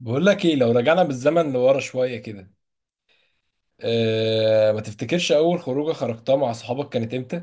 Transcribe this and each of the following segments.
بقول لك ايه؟ لو رجعنا بالزمن لورا شويه كده. أه، ما تفتكرش اول خروجه خرجتها مع صحابك كانت امتى؟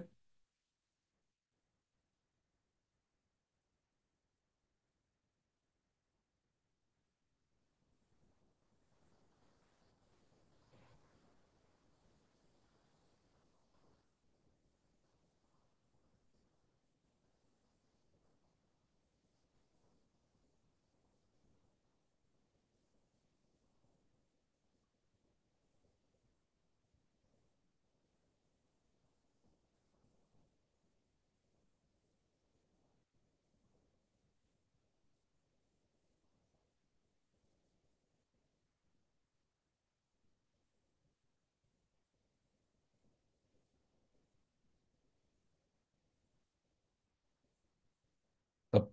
طب،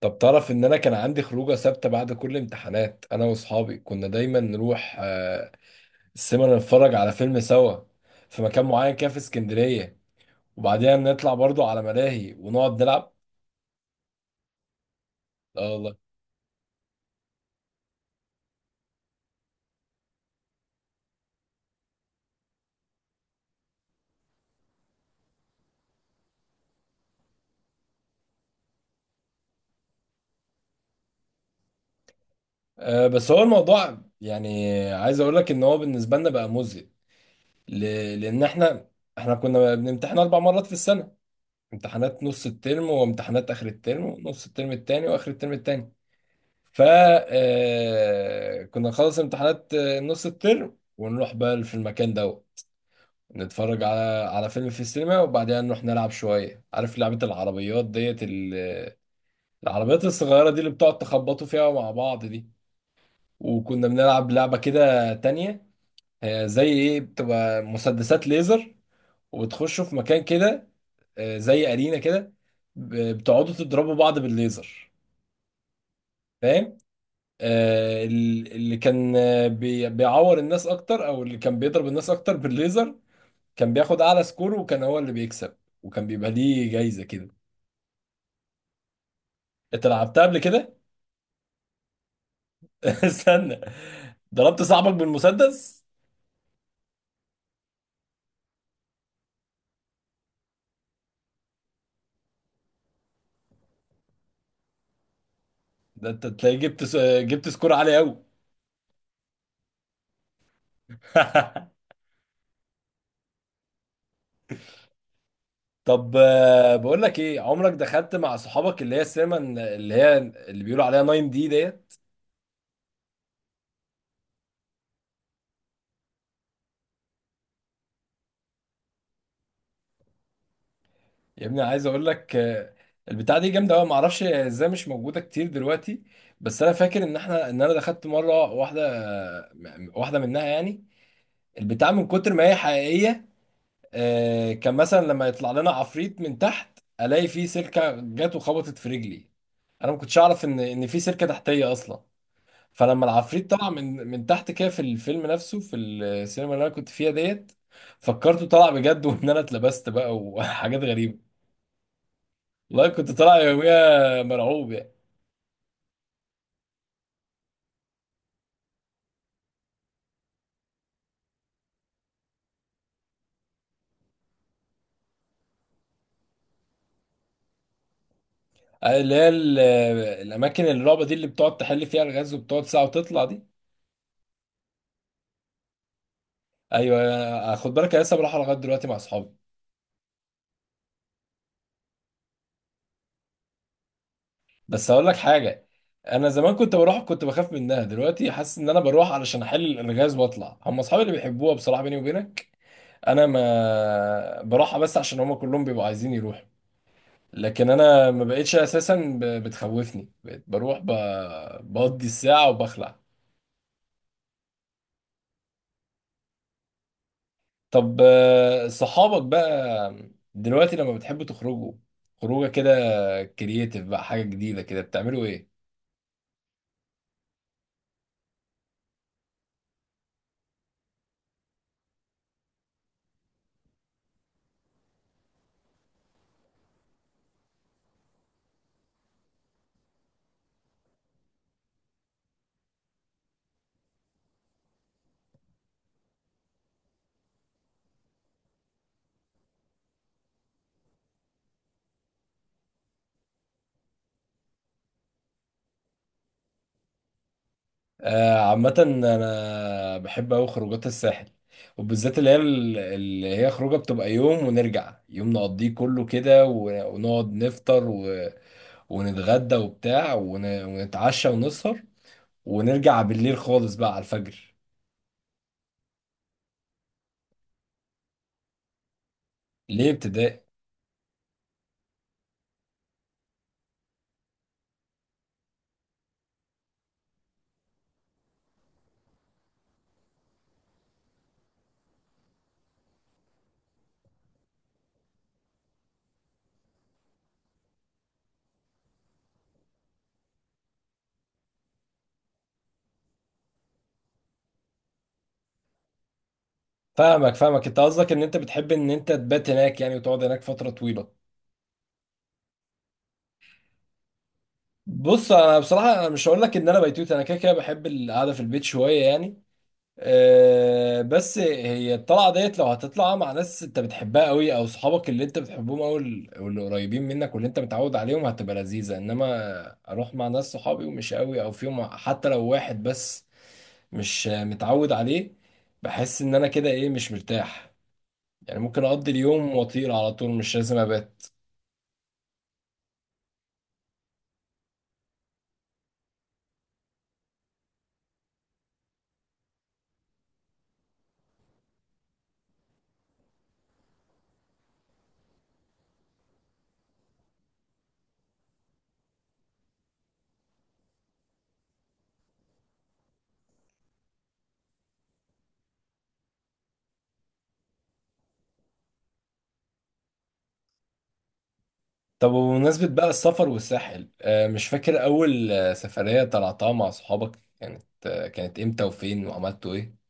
طب تعرف ان انا كان عندي خروجه ثابته بعد كل امتحانات؟ انا واصحابي كنا دايما نروح السينما، نتفرج على فيلم سوا في مكان معين كده في اسكندريه، وبعدين نطلع برضو على ملاهي ونقعد نلعب. اه والله. أه، بس هو الموضوع عايز اقول لك ان هو بالنسبه لنا بقى مزهق. لان احنا كنا بنمتحن اربع مرات في السنه: امتحانات نص الترم، وامتحانات اخر الترم، نص الترم التاني، واخر الترم التاني. ف كنا نخلص امتحانات، نص الترم، ونروح بقى في المكان ده، نتفرج على فيلم في السينما، وبعدها نروح نلعب شوية. عارف لعبة العربيات ديت العربيات الصغيرة دي اللي بتقعد تخبطوا فيها مع بعض دي؟ وكنا بنلعب لعبة كده تانية، زي ايه، بتبقى مسدسات ليزر، وتخشوا في مكان كده، زي ارينا كده، بتقعدوا تضربوا بعض بالليزر. فاهم؟ اللي كان بيعور الناس اكتر، او اللي كان بيضرب الناس اكتر بالليزر، كان بياخد اعلى سكور وكان هو اللي بيكسب، وكان بيبقى ليه جايزة كده. انت لعبتها قبل كده؟ استنى، ضربت صاحبك بالمسدس؟ ده انت تلاقي جبت سكور عالي قوي. طب، بقول لك ايه، عمرك دخلت مع صحابك اللي هي السينما اللي هي اللي بيقولوا عليها 9 دي ديت؟ يا ابني عايز اقول لك، البتاعه دي جامده قوي، معرفش ازاي مش موجوده كتير دلوقتي. بس انا فاكر ان احنا ان انا دخلت مره واحده، واحده منها يعني. البتاعه من كتر ما هي حقيقيه، كان مثلا لما يطلع لنا عفريت من تحت، الاقي فيه سلكه جت وخبطت في رجلي. انا ما كنتش اعرف ان في سلكه تحتيه اصلا. فلما العفريت طلع من تحت كده في الفيلم نفسه في السينما اللي انا كنت فيها ديت، فكرته طلع بجد. وان انا اتلبست بقى وحاجات غريبه. والله كنت طالع يوميها مرعوب يعني. اللي هي الاماكن الرعب دي اللي بتقعد تحل فيها الغاز وبتقعد ساعه وتطلع دي؟ ايوه، خد بالك انا لسه بروحها لغايه دلوقتي مع اصحابي. بس هقول لك حاجه، انا زمان كنت بروح كنت بخاف منها، دلوقتي حاسس ان انا بروح علشان احل الغاز واطلع. هم اصحابي اللي بيحبوها، بصراحه بيني وبينك انا ما بروحها بس عشان هم كلهم بيبقوا عايزين يروحوا، لكن انا ما بقتش اساسا بتخوفني، بقيت بروح بقضي الساعه وبخلع. طب، صحابك بقى دلوقتي لما بتحبوا تخرجوا خروجه كده كرييتيف بقى، حاجه جديده كده، بتعملوا ايه؟ آه، عامه انا بحب اوي خروجات الساحل، وبالذات اللي هي اللي هي خروجه بتبقى يوم ونرجع، يوم نقضيه كله كده ونقعد نفطر ونتغدى وبتاع ونتعشى ونسهر، ونرجع بالليل خالص بقى على الفجر. ليه ابتدائي؟ فاهمك، فاهمك، انت قصدك ان انت بتحب ان انت تبات هناك يعني وتقعد هناك فتره طويله. بص انا بصراحه، انا مش هقول لك ان انا بيتوت، انا كده كده بحب القعده في البيت شويه يعني. أه، بس هي الطلعه ديت، لو هتطلع مع ناس انت بتحبها قوي، او صحابك اللي انت بتحبهم، او ال- واللي قريبين منك واللي انت متعود عليهم، هتبقى لذيذه. انما اروح مع ناس صحابي ومش قوي، او فيهم حتى لو واحد بس مش متعود عليه، بحس ان انا كده ايه، مش مرتاح يعني. ممكن اقضي اليوم واطير على طول، مش لازم ابات. طب، وبمناسبة بقى السفر والساحل، مش فاكر أول سفرية طلعتها مع صحابك كانت، كانت إمتى وفين وعملتوا إيه؟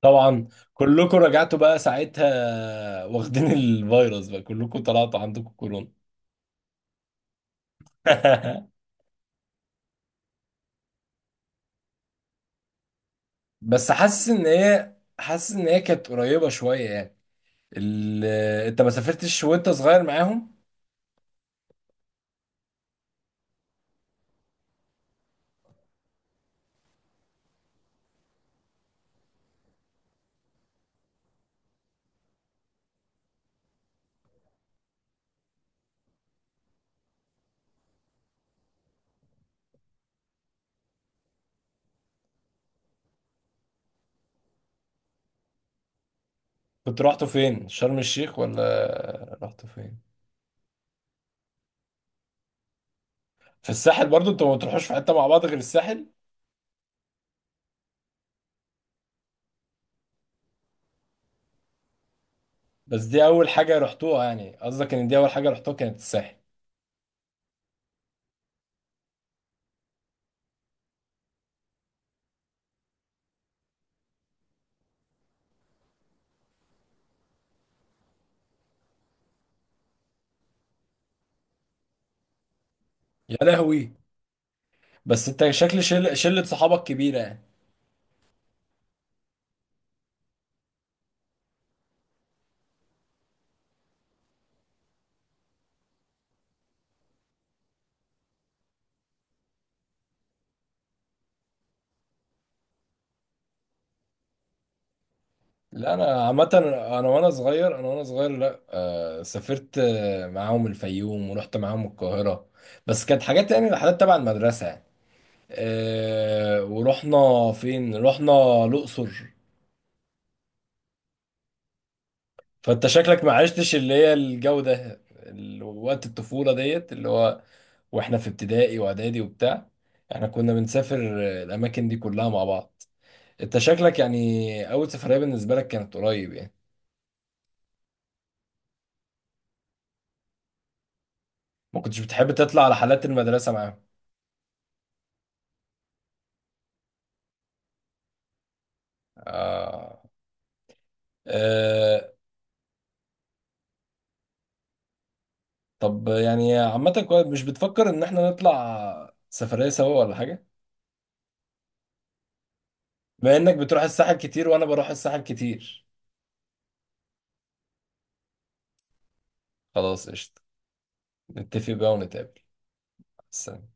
طبعا. كلكم رجعتوا بقى ساعتها واخدين الفيروس بقى، كلكم طلعتوا عندكم كورونا. بس حاسس إن هي، حاسس إن هي كانت قريبة شوية يعني. أنت ما سافرتش وأنت صغير معاهم؟ كنت رحتوا فين؟ شرم الشيخ ولا رحتوا فين؟ في الساحل برضو؟ أنتوا ما بتروحوش في حتة مع بعض غير الساحل؟ بس دي اول حاجه رحتوها يعني؟ قصدك ان دي اول حاجه رحتوها كانت الساحل؟ يا لهوي، بس انت شكل شله صحابك كبيره يعني. لا انا عامه، انا وانا صغير لا، آه، سافرت، معاهم الفيوم، ورحت معاهم القاهره، بس كانت حاجات يعني رحلات تبع المدرسه يعني. آه، ورحنا فين؟ رحنا الاقصر. فانت شكلك ما عشتش اللي هي الجو ده وقت الطفولة ديت، اللي هو واحنا في ابتدائي واعدادي وبتاع احنا كنا بنسافر الاماكن دي كلها مع بعض. انت شكلك يعني اول سفرية بالنسبة لك كانت قريب يعني. ما كنتش بتحب تطلع على حالات المدرسة معاهم؟ آه. آه. طب، يعني عامة كويس، مش بتفكر ان احنا نطلع سفرية سوا ولا حاجة؟ بما انك بتروح الساحل كتير، وانا بروح الساحل كتير. خلاص، قشطة. نتفق بقى ونتقابل. سلام.